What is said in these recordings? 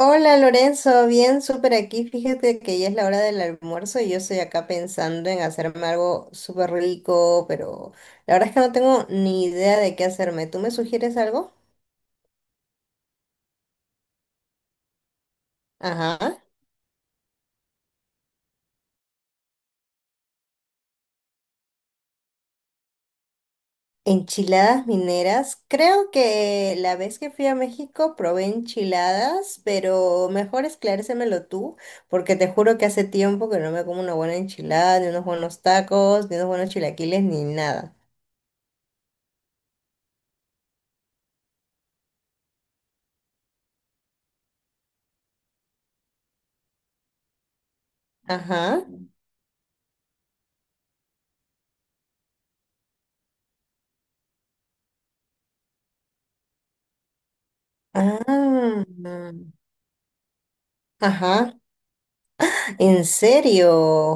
Hola Lorenzo, bien, súper aquí. Fíjate que ya es la hora del almuerzo y yo estoy acá pensando en hacerme algo súper rico, pero la verdad es que no tengo ni idea de qué hacerme. ¿Tú me sugieres algo? Ajá. Enchiladas mineras. Creo que la vez que fui a México probé enchiladas, pero mejor esclarécemelo tú, porque te juro que hace tiempo que no me como una buena enchilada, ni unos buenos tacos, ni unos buenos chilaquiles, ni nada. Ajá. Ah, ajá. ¿En serio?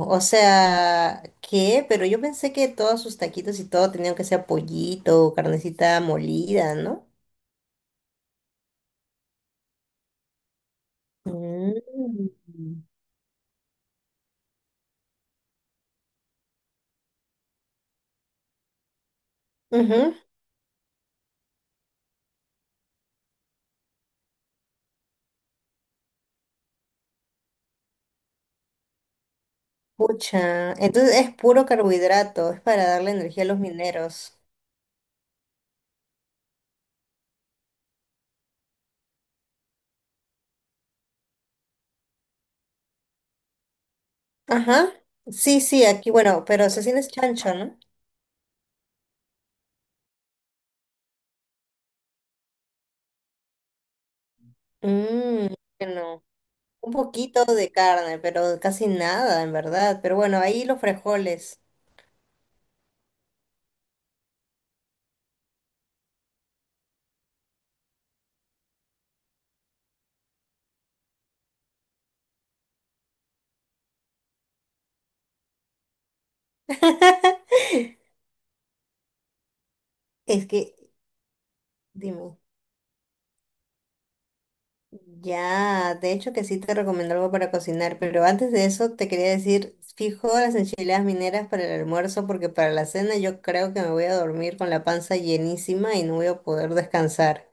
O sea, ¿qué? Pero yo pensé que todos sus taquitos y todo tenían que ser pollito o carnecita molida, ¿no? Mm. Ujú. Pucha. Entonces es puro carbohidrato, es para darle energía a los mineros. Ajá. Sí, sí, aquí, bueno, pero cecina es chancho, ¿no? Mmm, bueno, un poquito de carne, pero casi nada, en verdad. Pero bueno, ahí los frijoles. Es que, dime. Ya, de hecho que sí te recomiendo algo para cocinar, pero antes de eso te quería decir, fijo las enchiladas mineras para el almuerzo porque para la cena yo creo que me voy a dormir con la panza llenísima y no voy a poder descansar.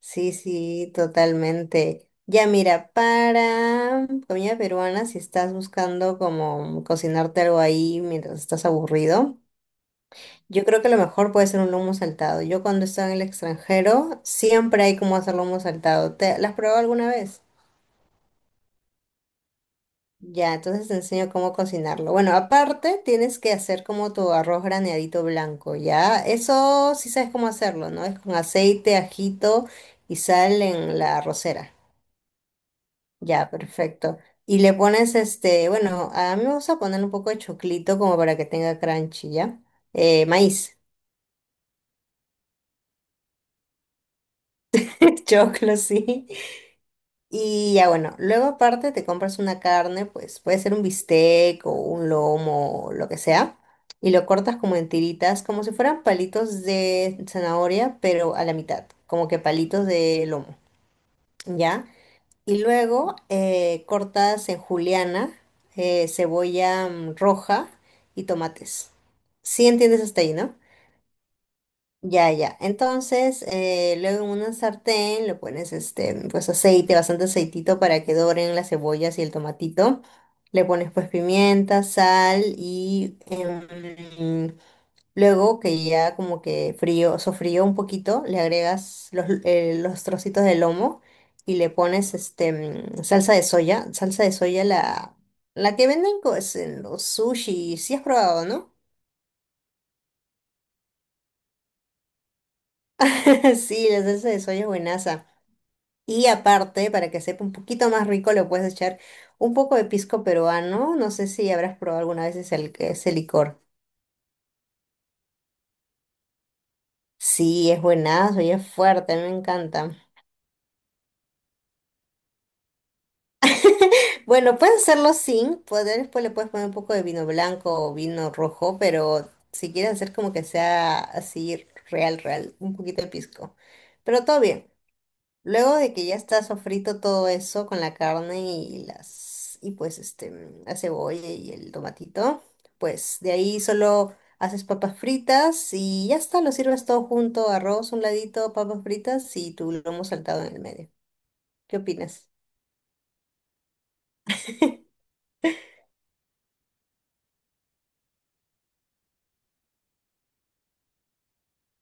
Sí, sí, totalmente. Ya mira, para comida peruana, si estás buscando como cocinarte algo ahí mientras estás aburrido. Yo creo que lo mejor puede ser un lomo saltado. Yo cuando estaba en el extranjero, siempre hay como hacer lomo saltado. ¿Te, las has probado alguna vez? Ya, entonces te enseño cómo cocinarlo. Bueno, aparte tienes que hacer como tu arroz graneadito blanco, ¿ya? Eso sí sabes cómo hacerlo, ¿no? Es con aceite, ajito y sal en la arrocera. Ya, perfecto. Y le pones este, bueno, a mí me gusta poner un poco de choclito como para que tenga crunchy, ¿ya? Maíz, choclo, sí. Y ya bueno, luego aparte te compras una carne, pues puede ser un bistec o un lomo, o lo que sea, y lo cortas como en tiritas, como si fueran palitos de zanahoria, pero a la mitad, como que palitos de lomo, ¿ya? Y luego cortas en juliana, cebolla roja y tomates. ¿Sí entiendes hasta ahí, no? Ya, ya. Entonces, luego en una sartén le pones este, pues aceite, bastante aceitito para que doren las cebollas y el tomatito. Le pones pues pimienta, sal y luego que ya como que frío, sofrío un poquito, le agregas los trocitos de lomo y le pones este salsa de soya. Salsa de soya la que venden pues, en los sushi, si has probado, ¿no? Sí, la salsa de soya es buenaza. Y aparte, para que sepa un poquito más rico, le puedes echar un poco de pisco peruano. No sé si habrás probado alguna vez ese, ese licor. Sí, es buenazo y es fuerte, a mí me encanta. Bueno, puedes hacerlo sin, poder, después le puedes poner un poco de vino blanco o vino rojo, pero si quieres hacer como que sea así real, real, un poquito de pisco. Pero todo bien. Luego de que ya está sofrito todo eso con la carne y las y pues este la cebolla y el tomatito, pues de ahí solo haces papas fritas y ya está, lo sirves todo junto, arroz un ladito, papas fritas y tu lomo saltado en el medio. ¿Qué opinas?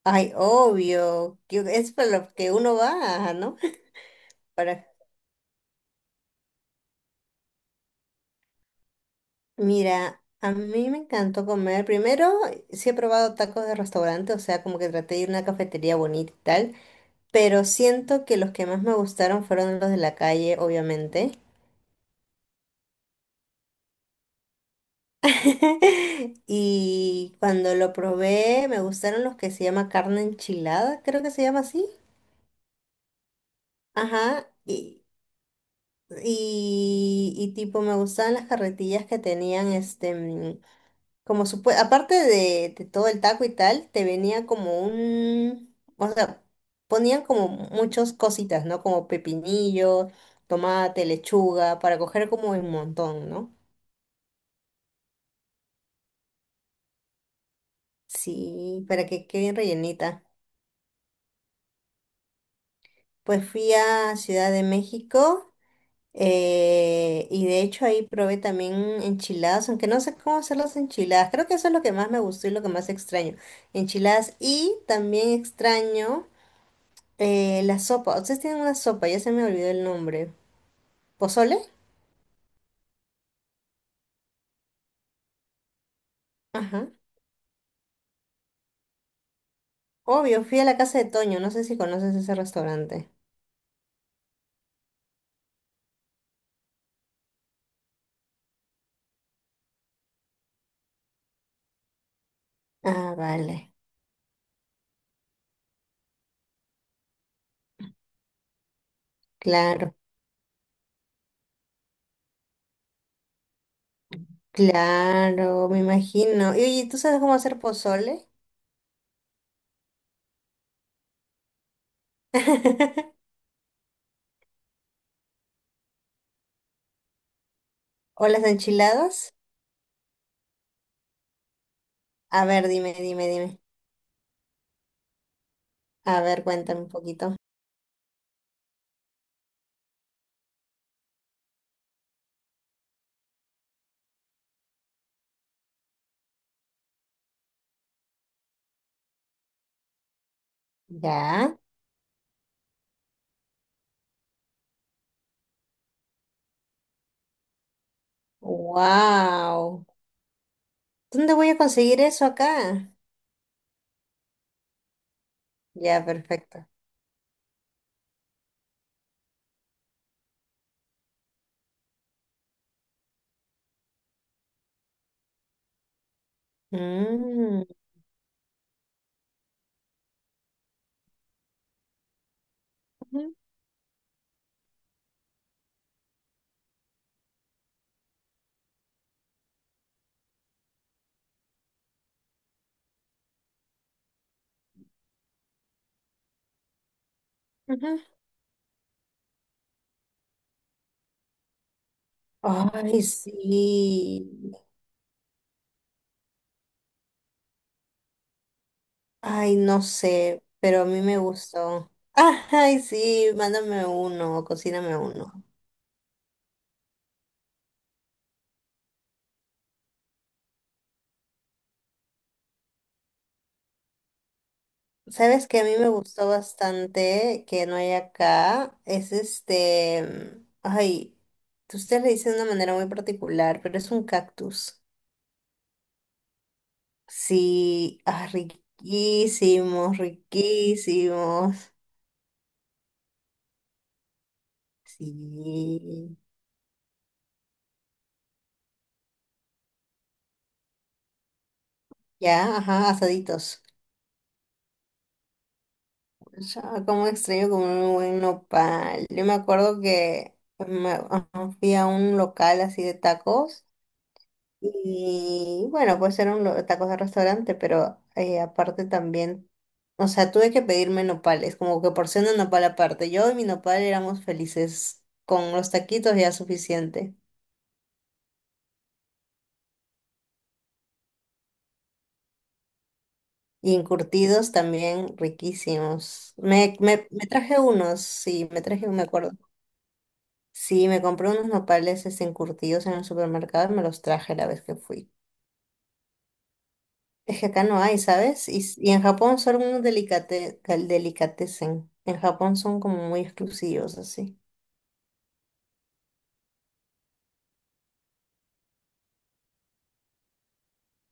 Ay, obvio, que es para lo que uno va, ¿no? Para mira, a mí me encantó comer. Primero, sí he probado tacos de restaurante, o sea, como que traté de ir a una cafetería bonita y tal, pero siento que los que más me gustaron fueron los de la calle, obviamente. Y cuando lo probé, me gustaron los que se llama carne enchilada, creo que se llama así. Ajá, y tipo me gustaban las carretillas que tenían este, como aparte de todo el taco y tal, te venía como un, o sea, ponían como muchas cositas, ¿no? Como pepinillo, tomate, lechuga, para coger como un montón, ¿no? Sí, para que quede rellenita. Pues fui a Ciudad de México y de hecho ahí probé también enchiladas, aunque no sé cómo hacer las enchiladas. Creo que eso es lo que más me gustó y lo que más extraño. Enchiladas y también extraño la sopa. Ustedes tienen una sopa, ya se me olvidó el nombre. ¿Pozole? Ajá. Obvio, fui a la casa de Toño, no sé si conoces ese restaurante. Ah, vale. Claro, claro, me imagino. Y oye, ¿tú sabes cómo hacer pozole? ¿O las enchiladas? A ver, dime, dime, dime. A ver, cuéntame un poquito. ¿Ya? ¡Wow! ¿Dónde voy a conseguir eso acá? Ya, perfecto. Mm, ujú, ujú. Ay, sí. Ay, no sé, pero a mí me gustó. Ay, sí, mándame uno, cocíname uno. Sabes que a mí me gustó bastante que no hay acá, es este, ay, ustedes le dicen de una manera muy particular, pero es un cactus. Sí, ah, riquísimos, riquísimos. Sí, ya, ajá, asaditos. Ya, como extraño comer un buen nopal. Yo me acuerdo que ajá, fui a un local así de tacos. Y bueno, pues eran los tacos de restaurante, pero aparte también, o sea, tuve que pedirme nopales, como que porción de nopal aparte. Yo y mi nopal éramos felices, con los taquitos ya suficiente. Y encurtidos también riquísimos. Me traje unos, sí, me traje, me acuerdo. Sí, me compré unos nopales este, encurtidos en el supermercado y me los traje la vez que fui. Es que acá no hay, ¿sabes? Y en Japón son unos delicate, delicatessen. En Japón son como muy exclusivos, así.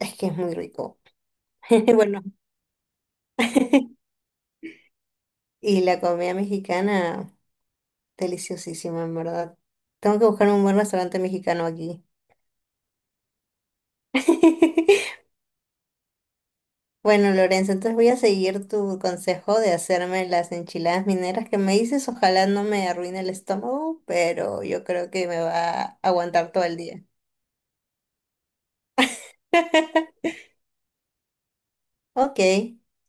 Es que es muy rico. Bueno, y la comida mexicana, deliciosísima, en verdad. Tengo que buscar un buen restaurante mexicano aquí. Bueno, Lorenzo, entonces voy a seguir tu consejo de hacerme las enchiladas mineras que me dices. Ojalá no me arruine el estómago, pero yo creo que me va a aguantar todo el día. Ok,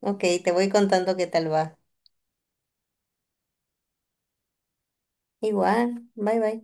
ok, te voy contando qué tal va. Igual, bye bye.